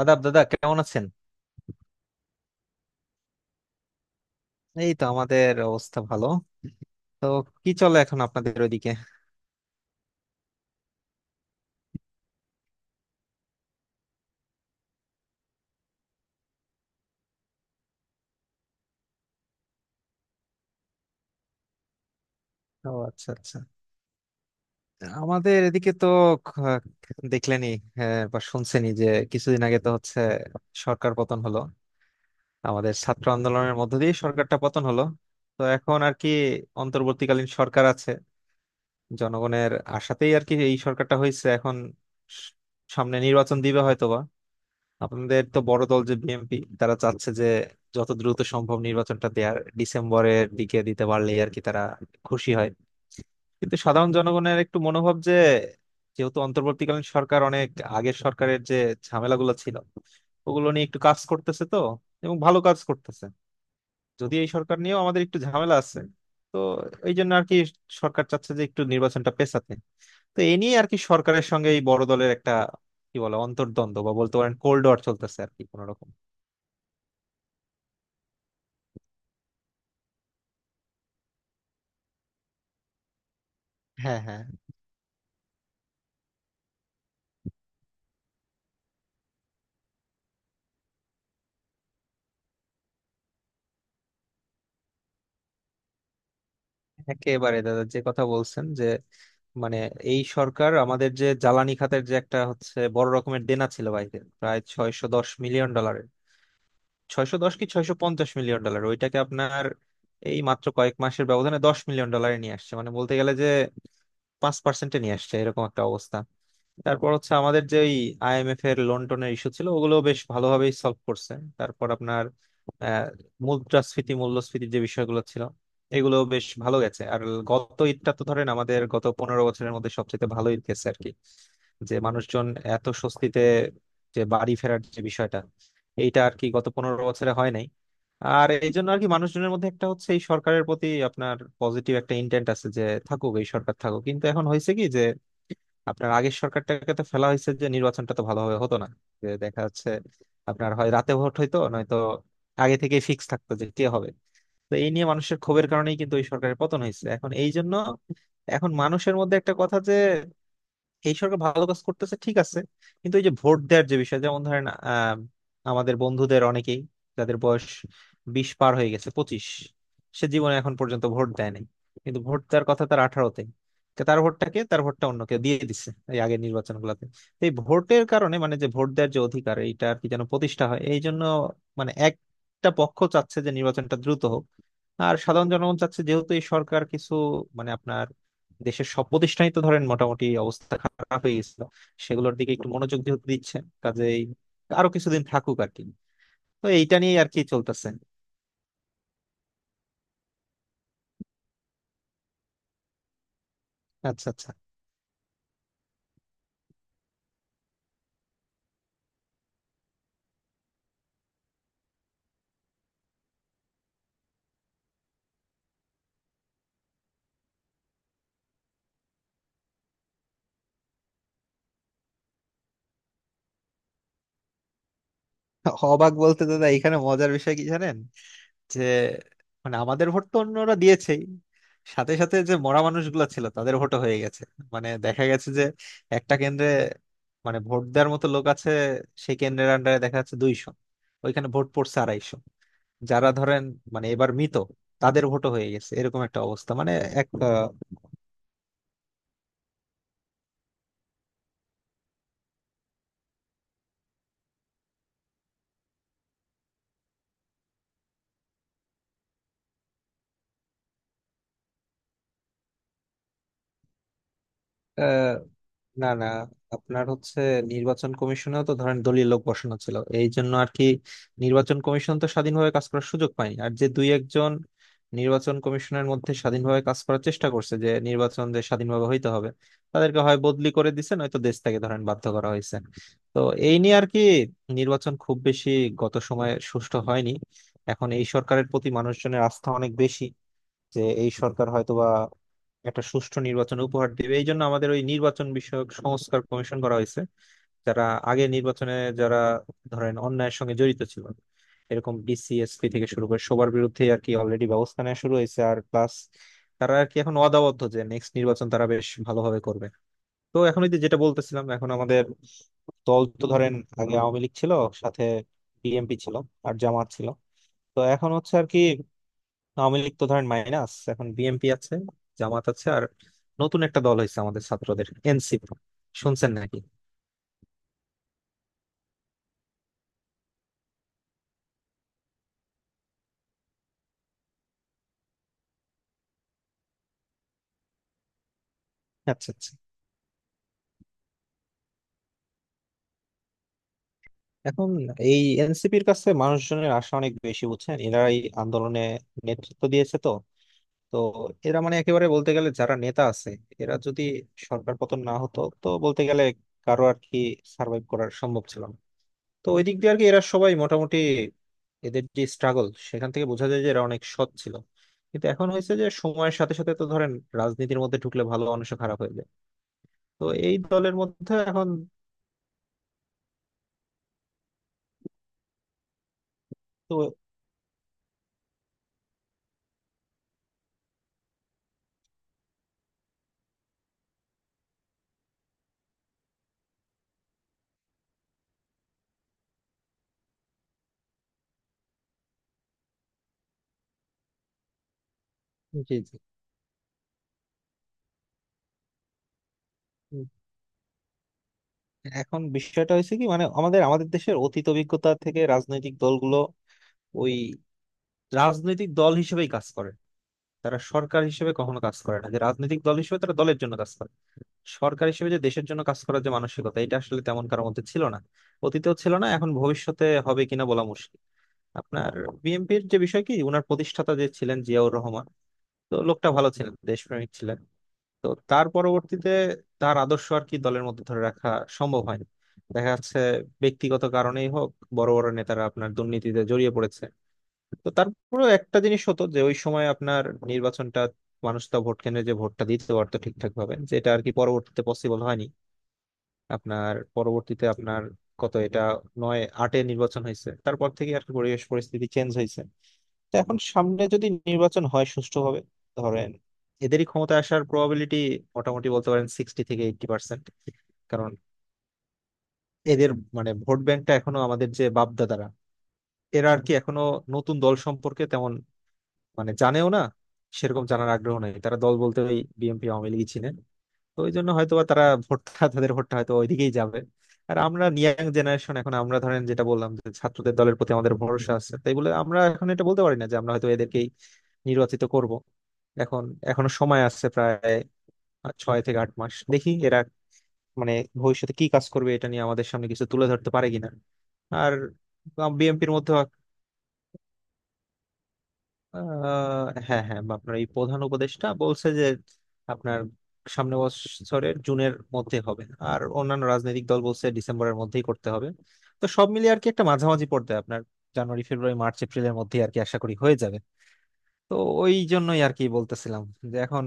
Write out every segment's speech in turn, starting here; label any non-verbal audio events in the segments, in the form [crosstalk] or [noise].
আদাব দাদা, কেমন আছেন? এই তো আমাদের অবস্থা ভালো। তো কি চলে এখন আপনাদের ওইদিকে? ও আচ্ছা আচ্ছা। আমাদের এদিকে তো খ- দেখলেনই হ্যাঁ, বা শুনছেনই যে কিছুদিন আগে তো হচ্ছে সরকার পতন হলো, আমাদের ছাত্র আন্দোলনের মধ্য দিয়ে সরকারটা পতন হলো। তো এখন আর কি অন্তর্বর্তীকালীন সরকার আছে, জনগণের আশাতেই আর কি এই সরকারটা হয়েছে এখন। স- সামনে নির্বাচন দিবে হয়তো। আপনাদের তো বড় দল যে বিএনপি, তারা চাচ্ছে যে যত দ্রুত সম্ভব নির্বাচনটা দেয়ার, ডিসেম্বরের দিকে দিতে পারলে আর কি তারা খুশি হয়। কিন্তু সাধারণ জনগণের একটু মনোভাব যে, যেহেতু অন্তর্বর্তীকালীন সরকার অনেক আগের সরকারের যে ঝামেলাগুলো ছিল ওগুলো নিয়ে একটু কাজ করতেছে, তো এবং ভালো কাজ করতেছে, যদি এই সরকার নিয়েও আমাদের একটু ঝামেলা আছে, তো এই জন্য আর কি সরকার চাচ্ছে যে একটু নির্বাচনটা পেছাতে। তো এ নিয়ে আর কি সরকারের সঙ্গে এই বড় দলের একটা কি বলে অন্তর্দ্বন্দ্ব বা বলতে পারেন কোল্ড ওয়ার চলতেছে আর কি কোনোরকম। হ্যাঁ হ্যাঁ, একেবারে দাদা, যে কথা বলছেন যে মানে এই সরকার আমাদের যে জ্বালানি খাতের যে একটা হচ্ছে বড় রকমের দেনা ছিল বাইরে প্রায় 610 মিলিয়ন ডলারের, 610 কি 650 মিলিয়ন ডলার, ওইটাকে আপনার এই মাত্র কয়েক মাসের ব্যবধানে 10 মিলিয়ন ডলারে নিয়ে আসছে, মানে বলতে গেলে যে 5%-এ নিয়ে আসছে, এরকম একটা অবস্থা। তারপর হচ্ছে আমাদের যে ওই আইএমএফ এর লোন টোনের ইস্যু ছিল, ওগুলো বেশ ভালোভাবেই সলভ করছে। তারপর আপনার আহ, মুদ্রাস্ফীতি মূল্যস্ফীতির যে বিষয়গুলো ছিল এগুলো বেশ ভালো গেছে। আর গত ঈদটা তো ধরেন আমাদের গত 15 বছরের মধ্যে সবচেয়ে ভালো ঈদ গেছে আর কি, যে মানুষজন এত স্বস্তিতে যে বাড়ি ফেরার যে বিষয়টা, এইটা আর কি গত 15 বছরে হয় নাই। আর এই জন্য আর কি মানুষজনের মধ্যে একটা হচ্ছে এই সরকারের প্রতি আপনার পজিটিভ একটা ইন্টেন্ট আছে যে থাকুক, এই সরকার থাকুক। কিন্তু এখন হয়েছে কি যে আপনার আগের সরকারটাকে তো ফেলা হয়েছে যে নির্বাচনটা তো ভালোভাবে হতো না, যে দেখা যাচ্ছে আপনার হয় রাতে ভোট হইতো নয়তো আগে থেকে ফিক্স থাকতো যে কে হবে। তো এই নিয়ে মানুষের ক্ষোভের কারণেই কিন্তু ওই সরকারের পতন হয়েছে। এখন এই জন্য এখন মানুষের মধ্যে একটা কথা যে এই সরকার ভালো কাজ করতেছে ঠিক আছে, কিন্তু এই যে ভোট দেওয়ার যে বিষয়, যেমন ধরেন আমাদের বন্ধুদের অনেকেই যাদের বয়স 20 পার হয়ে গেছে, 25, সে জীবনে এখন পর্যন্ত ভোট দেয় নাই। কিন্তু ভোট দেওয়ার কথা তার 18-তে। তার ভোটটাকে, তার ভোটটা অন্য কেউ দিয়ে দিচ্ছে এই আগের নির্বাচন গুলাতে। তো এই ভোটের কারণে মানে যে ভোট দেওয়ার যে অধিকার, এইটা আর কি যেন প্রতিষ্ঠা হয়, এই জন্য মানে একটা পক্ষ চাচ্ছে যে নির্বাচনটা দ্রুত হোক। আর সাধারণ জনগণ চাচ্ছে যেহেতু এই সরকার কিছু মানে দেশের সব প্রতিষ্ঠানই তো ধরেন মোটামুটি অবস্থা খারাপ হয়ে গেছিল, সেগুলোর দিকে একটু মনোযোগ যেহেতু দিচ্ছেন, কাজেই আরো কিছুদিন থাকুক আর কি। তো এইটা নিয়ে আর কি চলতেছে। আচ্ছা আচ্ছা। অবাক বলতে দাদা, এখানে মজার বিষয় কি জানেন যে মানে আমাদের ভোট তো অন্যরা দিয়েছেই, সাথে সাথে যে মরা মানুষগুলো ছিল তাদের ভোটও হয়ে গেছে। মানে দেখা গেছে যে একটা কেন্দ্রে, মানে ভোট দেওয়ার মতো লোক আছে সেই কেন্দ্রের আন্ডারে দেখা যাচ্ছে 200, ওইখানে ভোট পড়ছে 250। যারা ধরেন মানে এবার মৃত, তাদের ভোটও হয়ে গেছে, এরকম একটা অবস্থা মানে। এক আহ, না না, আপনার হচ্ছে নির্বাচন কমিশনেও তো ধরেন দলীয় লোক বসানো ছিল, এই জন্য আর কি নির্বাচন কমিশন তো স্বাধীনভাবে কাজ করার সুযোগ পায়নি। আর যে দুই একজন নির্বাচন কমিশনের মধ্যে স্বাধীনভাবে কাজ করার চেষ্টা করছে যে নির্বাচন যে স্বাধীনভাবে হইতে হবে, তাদেরকে হয় বদলি করে দিছে নয়তো দেশ থেকে ধরেন বাধ্য করা হয়েছে। তো এই নিয়ে আর কি নির্বাচন খুব বেশি গত সময়ে সুষ্ঠু হয়নি। এখন এই সরকারের প্রতি মানুষজনের আস্থা অনেক বেশি যে এই সরকার হয়তোবা একটা সুষ্ঠু নির্বাচন উপহার দিবে, এই জন্য আমাদের ওই নির্বাচন বিষয়ক সংস্কার কমিশন করা হয়েছে। যারা আগে নির্বাচনে, যারা ধরেন অন্যায়ের সঙ্গে জড়িত ছিল এরকম ডিসিএসপি থেকে শুরু করে সবার বিরুদ্ধে আর কি অলরেডি ব্যবস্থা নেওয়া শুরু হয়েছে। আর প্লাস তারা আর কি এখন অদাবদ্ধ যে নেক্সট নির্বাচন তারা বেশ ভালোভাবে করবে। তো এখন ওই যে যেটা বলতেছিলাম, এখন আমাদের দল তো ধরেন আগে আওয়ামী লীগ ছিল, সাথে বিএনপি ছিল, আর জামাত ছিল। তো এখন হচ্ছে আর কি আওয়ামী লীগ তো ধরেন মাইনাস, এখন বিএনপি আছে, জামাত আছে, আর নতুন একটা দল হয়েছে আমাদের ছাত্রদের এনসিপি, শুনছেন নাকি? আচ্ছা আচ্ছা। এখন এই এনসিপির কাছে মানুষজনের আশা অনেক বেশি, বুঝছেন, এরা এই আন্দোলনে নেতৃত্ব দিয়েছে তো। তো এরা মানে একেবারে বলতে গেলে যারা নেতা আছে, এরা যদি সরকার পতন না হতো তো বলতে গেলে কারো আর কি সার্ভাইভ করার সম্ভব ছিল না। তো ওই দিক দিয়ে আর কি এরা সবাই মোটামুটি, এদের যে স্ট্রাগল সেখান থেকে বোঝা যায় যে এরা অনেক সৎ ছিল। কিন্তু এখন হয়েছে যে সময়ের সাথে সাথে তো ধরেন রাজনীতির মধ্যে ঢুকলে ভালো মানুষও খারাপ হয়ে যায়, তো এই দলের মধ্যে এখন তো। জি জি। উম, এখন বিষয়টা হয়েছে কি মানে আমাদের আমাদের দেশের অতীত অভিজ্ঞতা থেকে রাজনৈতিক দলগুলো ওই রাজনৈতিক দল হিসেবেই কাজ করে, তারা সরকার হিসেবে কখনো কাজ করে না। যে রাজনৈতিক দল হিসেবে তারা দলের জন্য কাজ করে, সরকার হিসেবে যে দেশের জন্য কাজ করার যে মানসিকতা এটা আসলে তেমন কারোর মধ্যে ছিল না। অতীতেও ছিল না, এখন ভবিষ্যতে হবে কিনা বলা মুশকিল। আপনার বিএনপির যে বিষয় কি, উনার প্রতিষ্ঠাতা যে ছিলেন জিয়াউর রহমান, তো লোকটা ভালো ছিলেন, দেশপ্রেমিক ছিলেন। তো তার পরবর্তীতে তার আদর্শ আর কি দলের মধ্যে ধরে রাখা সম্ভব হয়নি। দেখা যাচ্ছে ব্যক্তিগত কারণেই হোক বড় বড় নেতারা আপনার দুর্নীতিতে জড়িয়ে পড়েছে। তো তারপরেও একটা জিনিস হতো যে ওই সময় আপনার নির্বাচনটা মানুষ তা ভোট কেন্দ্রে যে ভোটটা দিতে পারতো ঠিকঠাক ভাবে, যেটা আর কি পরবর্তীতে পসিবল হয়নি। আপনার পরবর্তীতে আপনার কত এটা, 98-এ নির্বাচন হয়েছে, তারপর থেকে আর কি পরিবেশ পরিস্থিতি চেঞ্জ হয়েছে। তো এখন সামনে যদি নির্বাচন হয় সুষ্ঠুভাবে, ধরেন, এদেরই ক্ষমতা আসার প্রবাবিলিটি মোটামুটি বলতে পারেন 60 থেকে 80%। কারণ এদের মানে ভোট ব্যাংকটা এখনো আমাদের যে বাপদাদারা, এরা আর কি এখনো নতুন দল সম্পর্কে তেমন মানে জানেও না, সেরকম জানার আগ্রহ নেই। তারা দল বলতে ওই বিএনপি আওয়ামী লীগই চিনে। তো ওই জন্য হয়তো বা তারা ভোটটা, তাদের ভোটটা হয়তো ওইদিকেই যাবে। আর আমরা ইয়াং জেনারেশন, এখন আমরা ধরেন যেটা বললাম যে ছাত্রদের দলের প্রতি আমাদের ভরসা আছে, তাই বলে আমরা এখন এটা বলতে পারি না যে আমরা হয়তো এদেরকেই নির্বাচিত করব। এখন এখনো সময় আছে প্রায় 6 থেকে 8 মাস, দেখি এরা মানে ভবিষ্যতে কি কাজ করবে এটা নিয়ে আমাদের সামনে কিছু তুলে ধরতে পারে কিনা। আর বিএনপির মধ্যে আহ, হ্যাঁ হ্যাঁ, বা আপনার এই প্রধান উপদেষ্টা বলছে যে আপনার সামনে বছরের জুনের মধ্যে হবে, আর অন্যান্য রাজনৈতিক দল বলছে ডিসেম্বরের মধ্যেই করতে হবে। তো সব মিলিয়ে আর কি একটা মাঝামাঝি পড়তে আপনার জানুয়ারি ফেব্রুয়ারি মার্চ এপ্রিলের মধ্যে আর কি আশা করি হয়ে যাবে। তো ওই জন্যই আর কি বলতেছিলাম যে এখন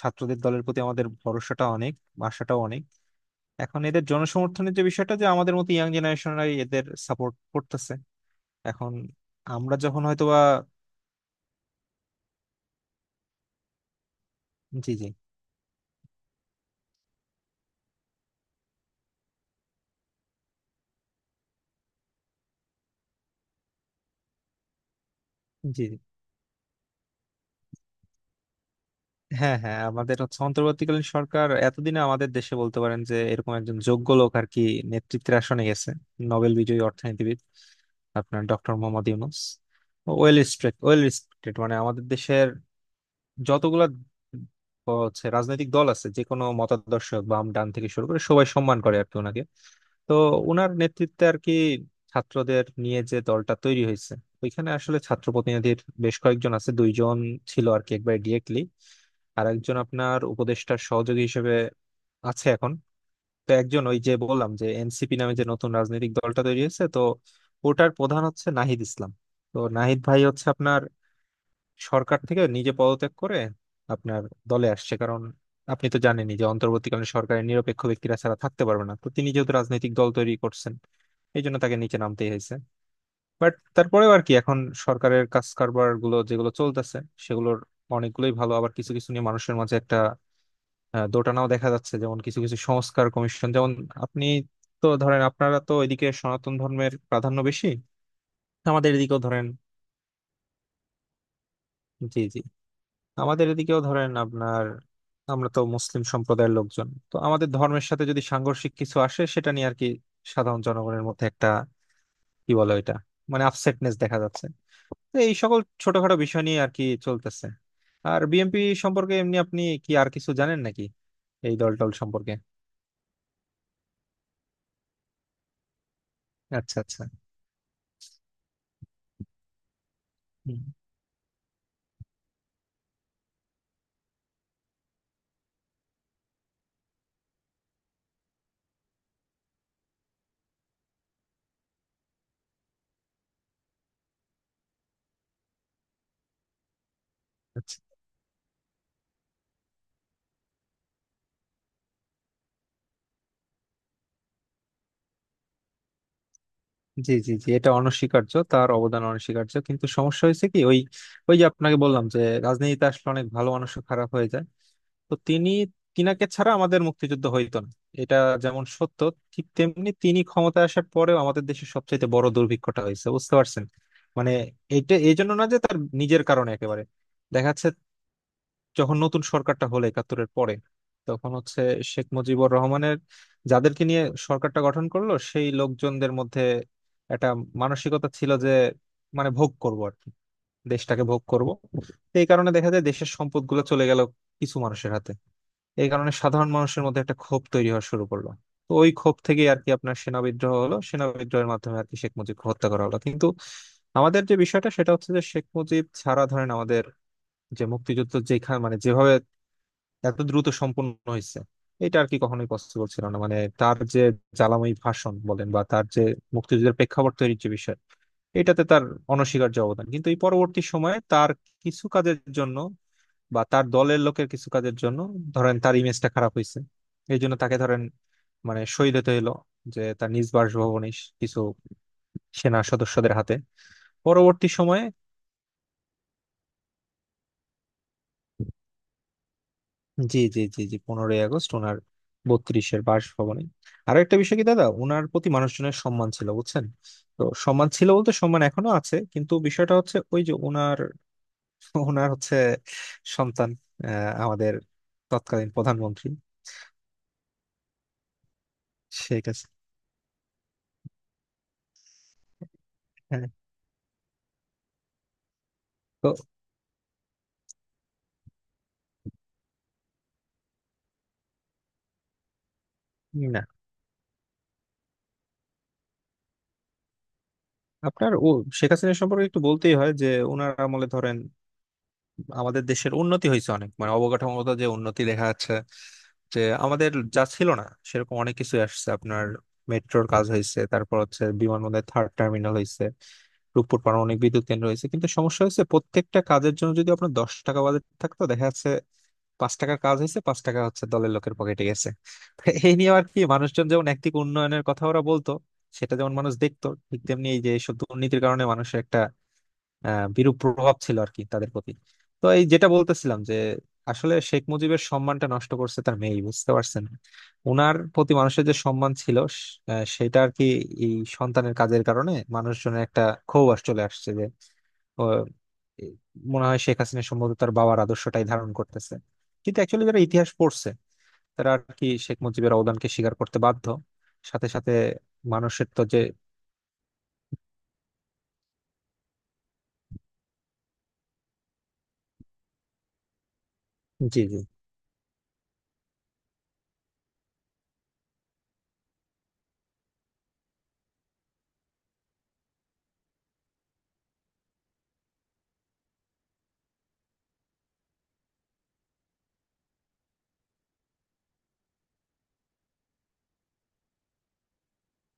ছাত্রদের দলের প্রতি আমাদের ভরসাটা অনেক, আশাটাও অনেক। এখন এদের জনসমর্থনের যে বিষয়টা, যে আমাদের মতো ইয়াং জেনারেশনরাই এদের সাপোর্ট করতেছে এখন, আমরা যখন হয়তোবা। জি জি। জি জি। হ্যাঁ হ্যাঁ, আমাদের হচ্ছে অন্তর্বর্তীকালীন সরকার, এতদিনে আমাদের দেশে বলতে পারেন যে এরকম একজন যোগ্য লোক আর কি নেতৃত্বের আসনে গেছে, নোবেল বিজয়ী অর্থনীতিবিদ আপনার doctor Mohammad Yunus. Well respected, মানে আমাদের দেশের যতগুলা হচ্ছে রাজনৈতিক দল আছে যে কোনো মতাদর্শ বাম ডান থেকে শুরু করে সবাই সম্মান করে আর কি ওনাকে। তো ওনার নেতৃত্বে আর কি ছাত্রদের নিয়ে যে দলটা তৈরি হয়েছে, ওইখানে আসলে ছাত্র প্রতিনিধির বেশ কয়েকজন আছে। দুইজন ছিল আর কি একবার ডিরেক্টলি, আর একজন আপনার উপদেষ্টার সহযোগী হিসেবে আছে এখন। তো একজন, ওই যে বললাম যে এনসিপি নামে যে নতুন রাজনৈতিক দলটা তৈরি হয়েছে, তো ওটার প্রধান হচ্ছে নাহিদ ইসলাম। তো নাহিদ ভাই হচ্ছে আপনার সরকার থেকে নিজে পদত্যাগ করে আপনার দলে আসছে, কারণ আপনি তো জানেনই যে অন্তর্বর্তীকালীন সরকারের নিরপেক্ষ ব্যক্তিরা ছাড়া থাকতে পারবে না। তো তিনি যেহেতু রাজনৈতিক দল তৈরি করছেন, এই জন্য তাকে নিচে নামতেই হয়েছে। বাট তারপরেও আর কি এখন সরকারের কাজ কারবার গুলো যেগুলো চলতেছে, সেগুলোর অনেকগুলোই ভালো। আবার কিছু কিছু নিয়ে মানুষের মাঝে একটা দোটানাও দেখা যাচ্ছে, যেমন কিছু কিছু সংস্কার কমিশন। যেমন আপনি, তো ধরেন আপনারা তো এদিকে সনাতন ধর্মের প্রাধান্য বেশি, আমাদের এদিকেও ধরেন, জি জি, আমাদের এদিকেও ধরেন আপনার আমরা তো মুসলিম সম্প্রদায়ের লোকজন, তো আমাদের ধর্মের সাথে যদি সাংঘর্ষিক কিছু আসে সেটা নিয়ে আর কি সাধারণ জনগণের মধ্যে একটা কি বলে এটা মানে আপসেটনেস দেখা যাচ্ছে। তো এই সকল ছোটখাটো বিষয় নিয়ে আর কি চলতেছে। আর বিএনপি সম্পর্কে এমনি আপনি কি আর কিছু জানেন নাকি এই দল টল সম্পর্কে? আচ্ছা আচ্ছা। হুম, আচ্ছা। জি জি জি, এটা অনস্বীকার্য, তার অবদান অনস্বীকার্য, কিন্তু সমস্যা হয়েছে কি ওই, ওই যে আপনাকে বললাম যে রাজনীতিতে আসলে অনেক ভালো মানুষও খারাপ হয়ে যায়। তো তিনি, তিনাকে ছাড়া আমাদের মুক্তিযুদ্ধ হইতো না, এটা যেমন সত্য, ঠিক তেমনি তিনি ক্ষমতায় আসার পরেও আমাদের দেশে সবচেয়ে বড় দুর্ভিক্ষটা হয়েছে, বুঝতে পারছেন। মানে এটা এই জন্য না যে তার নিজের কারণে একেবারে, দেখা যাচ্ছে যখন নতুন সরকারটা হলো একাত্তরের পরে, তখন হচ্ছে শেখ মুজিবুর রহমানের যাদেরকে নিয়ে সরকারটা গঠন করলো সেই লোকজনদের মধ্যে একটা মানসিকতা ছিল যে মানে ভোগ করব আর কি, দেশটাকে ভোগ করব। তো এই কারণে দেখা যায় দেশের সম্পদগুলো চলে গেল কিছু মানুষের হাতে। এই কারণে সাধারণ মানুষের মধ্যে একটা ক্ষোভ তৈরি হওয়া শুরু করলো। তো ওই ক্ষোভ থেকেই আর কি আপনার সেনা বিদ্রোহ হলো, সেনা বিদ্রোহের মাধ্যমে আর কি শেখ মুজিবকে হত্যা করা হলো। কিন্তু আমাদের যে বিষয়টা সেটা হচ্ছে যে শেখ মুজিব ছাড়া ধরেন আমাদের যে মুক্তিযুদ্ধ, যেখানে মানে যেভাবে এত দ্রুত সম্পন্ন হয়েছে, এটা আর কি কখনোই পসিবল ছিল না। মানে তার যে জ্বালাময়ী ভাষণ বলেন বা তার যে মুক্তিযুদ্ধের প্রেক্ষাপট তৈরির যে বিষয়, এটাতে তার অনস্বীকার্য অবদান। কিন্তু এই পরবর্তী সময়ে তার কিছু কাজের জন্য বা তার দলের লোকের কিছু কাজের জন্য ধরেন তার ইমেজটা খারাপ হয়েছে। এই জন্য তাকে ধরেন মানে শহীদ হতে হলো, যে তার নিজ বাসভবনে কিছু সেনা সদস্যদের হাতে পরবর্তী সময়ে। জি জি জি জি, 15ই আগস্ট ওনার 32-এর বাসভবনে। আরো একটা বিষয় কি দাদা, ওনার প্রতি মানুষজনের সম্মান ছিল, বুঝছেন। তো সম্মান ছিল বলতে সম্মান এখনো আছে, কিন্তু বিষয়টা হচ্ছে ওই যে ওনার ওনার হচ্ছে সন্তান, আহ, আমাদের তৎকালীন প্রধানমন্ত্রী শেখ হাসিনা। হ্যাঁ। তো না, আপনার ও শেখ হাসিনা সম্পর্কে একটু বলতেই হয় যে ওনার আমলে ধরেন আমাদের দেশের উন্নতি হয়েছে অনেক। মানে অবকাঠামোগত যে উন্নতি দেখা যাচ্ছে, যে আমাদের যা ছিল না সেরকম অনেক কিছু আসছে আপনার। মেট্রোর কাজ হয়েছে, তারপর হচ্ছে বিমানবন্দরের থার্ড টার্মিনাল হয়েছে, রূপপুর পারমাণবিক বিদ্যুৎ কেন্দ্র হয়েছে। কিন্তু সমস্যা হচ্ছে, প্রত্যেকটা কাজের জন্য যদি আপনার 10 টাকা বাজেট থাকতো, দেখা যাচ্ছে 5 টাকার কাজ হয়েছে, 5 টাকা হচ্ছে দলের লোকের পকেটে গেছে। [laughs] তো এই নিয়ে আর কি মানুষজন, যেমন একদিকে উন্নয়নের কথা ওরা বলতো সেটা যেমন মানুষ দেখতো, ঠিক তেমনি এই যে এইসব দুর্নীতির কারণে মানুষের একটা বিরূপ প্রভাব ছিল আর কি তাদের প্রতি। তো এই যেটা বলতেছিলাম, যে আসলে শেখ মুজিবের সম্মানটা নষ্ট করছে তার মেয়ে, বুঝতে পারছেন। ওনার প্রতি মানুষের যে সম্মান ছিল সেটা আর কি এই সন্তানের কাজের কারণে মানুষজনের একটা ক্ষোভ চলে আসছে যে, ও, এ, মনে হয় শেখ হাসিনা সম্ভবত তার বাবার আদর্শটাই ধারণ করতেছে। কিন্তু অ্যাকচুয়ালি যারা ইতিহাস পড়ছে, তারা আর কি শেখ মুজিবের অবদানকে স্বীকার করতে বাধ্য। সাথে সাথে মানুষের তো যে। জি জি।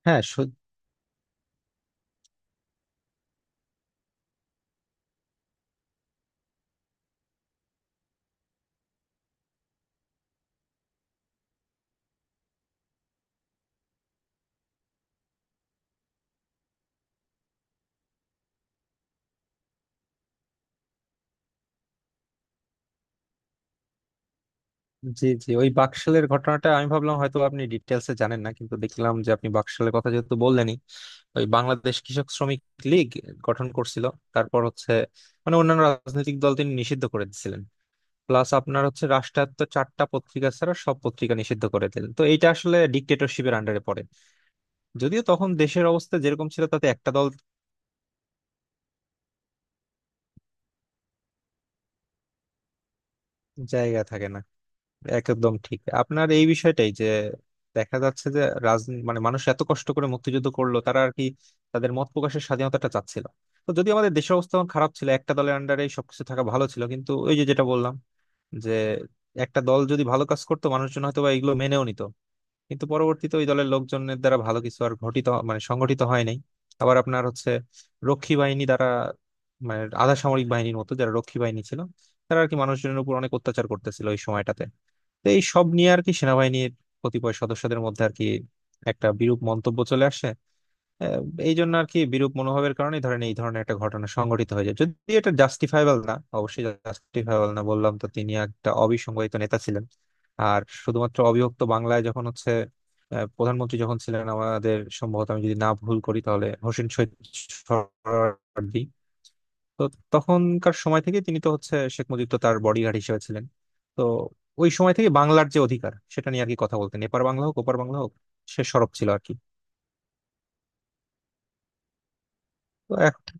হ্যাঁ। জি জি, ওই বাকশালের ঘটনাটা আমি ভাবলাম হয়তো আপনি ডিটেলসে জানেন না, কিন্তু দেখলাম যে আপনি বাকশালের কথা যেহেতু বললেনই। ওই বাংলাদেশ কৃষক শ্রমিক লীগ গঠন করছিল, তারপর হচ্ছে মানে অন্যান্য রাজনৈতিক দল তিনি নিষিদ্ধ করে দিছিলেন। প্লাস আপনার হচ্ছে রাষ্ট্রায়ত্ত চারটা পত্রিকা ছাড়া সব পত্রিকা নিষিদ্ধ করে দিলেন, তো এটা আসলে ডিক্টেটরশিপের আন্ডারে পড়ে। যদিও তখন দেশের অবস্থা যেরকম ছিল তাতে একটা দল, জায়গা থাকে না। একদম ঠিক আপনার, এই বিষয়টাই যে দেখা যাচ্ছে যে রাজনীতি মানে মানুষ এত কষ্ট করে মুক্তিযুদ্ধ করলো, তারা আর কি তাদের মত প্রকাশের স্বাধীনতাটা চাচ্ছিল। তো যদি আমাদের দেশের অবস্থা তখন খারাপ ছিল একটা দলের আন্ডারে সবকিছু থাকা ভালো ছিল, কিন্তু ওই যে যেটা বললাম যে একটা দল যদি ভালো কাজ করতো মানুষজন হয়তো বা এগুলো মেনেও নিত। কিন্তু পরবর্তীতে ওই দলের লোকজনের দ্বারা ভালো কিছু আর ঘটিত মানে সংগঠিত হয় নাই। আবার আপনার হচ্ছে রক্ষী বাহিনী দ্বারা, মানে আধা সামরিক বাহিনীর মতো যারা রক্ষী বাহিনী ছিল, তারা আর কি মানুষজনের উপর অনেক অত্যাচার করতেছিল ওই সময়টাতে। তো এই সব নিয়ে আর কি সেনাবাহিনীর কতিপয় সদস্যদের মধ্যে আর কি একটা বিরূপ মন্তব্য চলে আসে। আহ, এই জন্য আর কি বিরূপ মনোভাবের কারণে ধরেন এই ধরনের একটা ঘটনা সংঘটিত হয়ে যায়। যদি এটা জাস্টিফাইবল না, অবশ্যই জাস্টিফাইবল না, বললাম তো তিনি একটা অবিসংবাদিত নেতা ছিলেন। আর শুধুমাত্র অবিভক্ত বাংলায় যখন হচ্ছে প্রধানমন্ত্রী যখন ছিলেন আমাদের, সম্ভবত আমি যদি না ভুল করি, তাহলে হোসেন শহীদ সোহরাওয়ার্দী। তো তখনকার সময় থেকে তিনি তো হচ্ছে শেখ মুজিব তো তার বডিগার্ড হিসেবে ছিলেন। তো ওই সময় থেকে বাংলার যে অধিকার সেটা নিয়ে আর কি কথা বলতেন, এপার বাংলা হোক ওপার বাংলা হোক, সে সরব ছিল আর কি। তো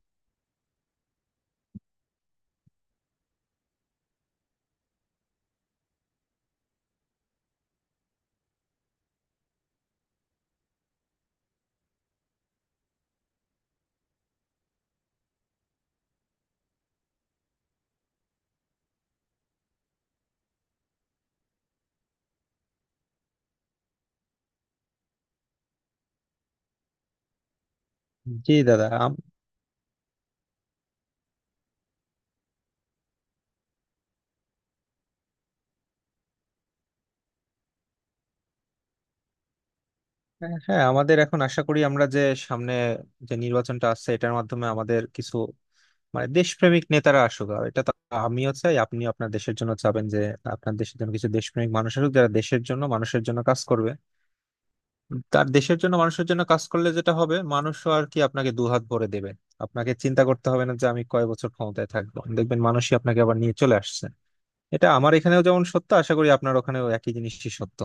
জি দাদা, হ্যাঁ, আমাদের এখন আশা করি আমরা যে সামনে যে নির্বাচনটা আসছে এটার মাধ্যমে আমাদের কিছু মানে দেশপ্রেমিক নেতারা আসুক। আর এটা তো আমিও চাই, আপনি আপনার দেশের জন্য চাবেন যে আপনার দেশের জন্য কিছু দেশপ্রেমিক মানুষ আসুক যারা দেশের জন্য মানুষের জন্য কাজ করবে। তার দেশের জন্য মানুষের জন্য কাজ করলে যেটা হবে, মানুষও আর কি আপনাকে দুহাত ভরে দেবে। আপনাকে চিন্তা করতে হবে না যে আমি কয় বছর ক্ষমতায় থাকবো, দেখবেন মানুষই আপনাকে আবার নিয়ে চলে আসছে। এটা আমার এখানেও যেমন সত্য, আশা করি আপনার ওখানেও একই জিনিসই সত্য।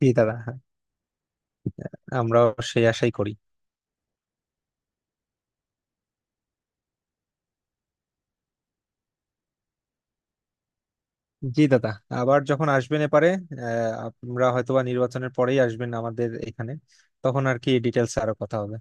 জি দাদা, হ্যাঁ, আমরাও সেই আশাই করি। জি দাদা, আবার যখন আসবেন এপারে, আহ, আমরা হয়তোবা নির্বাচনের পরেই আসবেন আমাদের এখানে, তখন আর কি ডিটেলস আরো কথা হবে।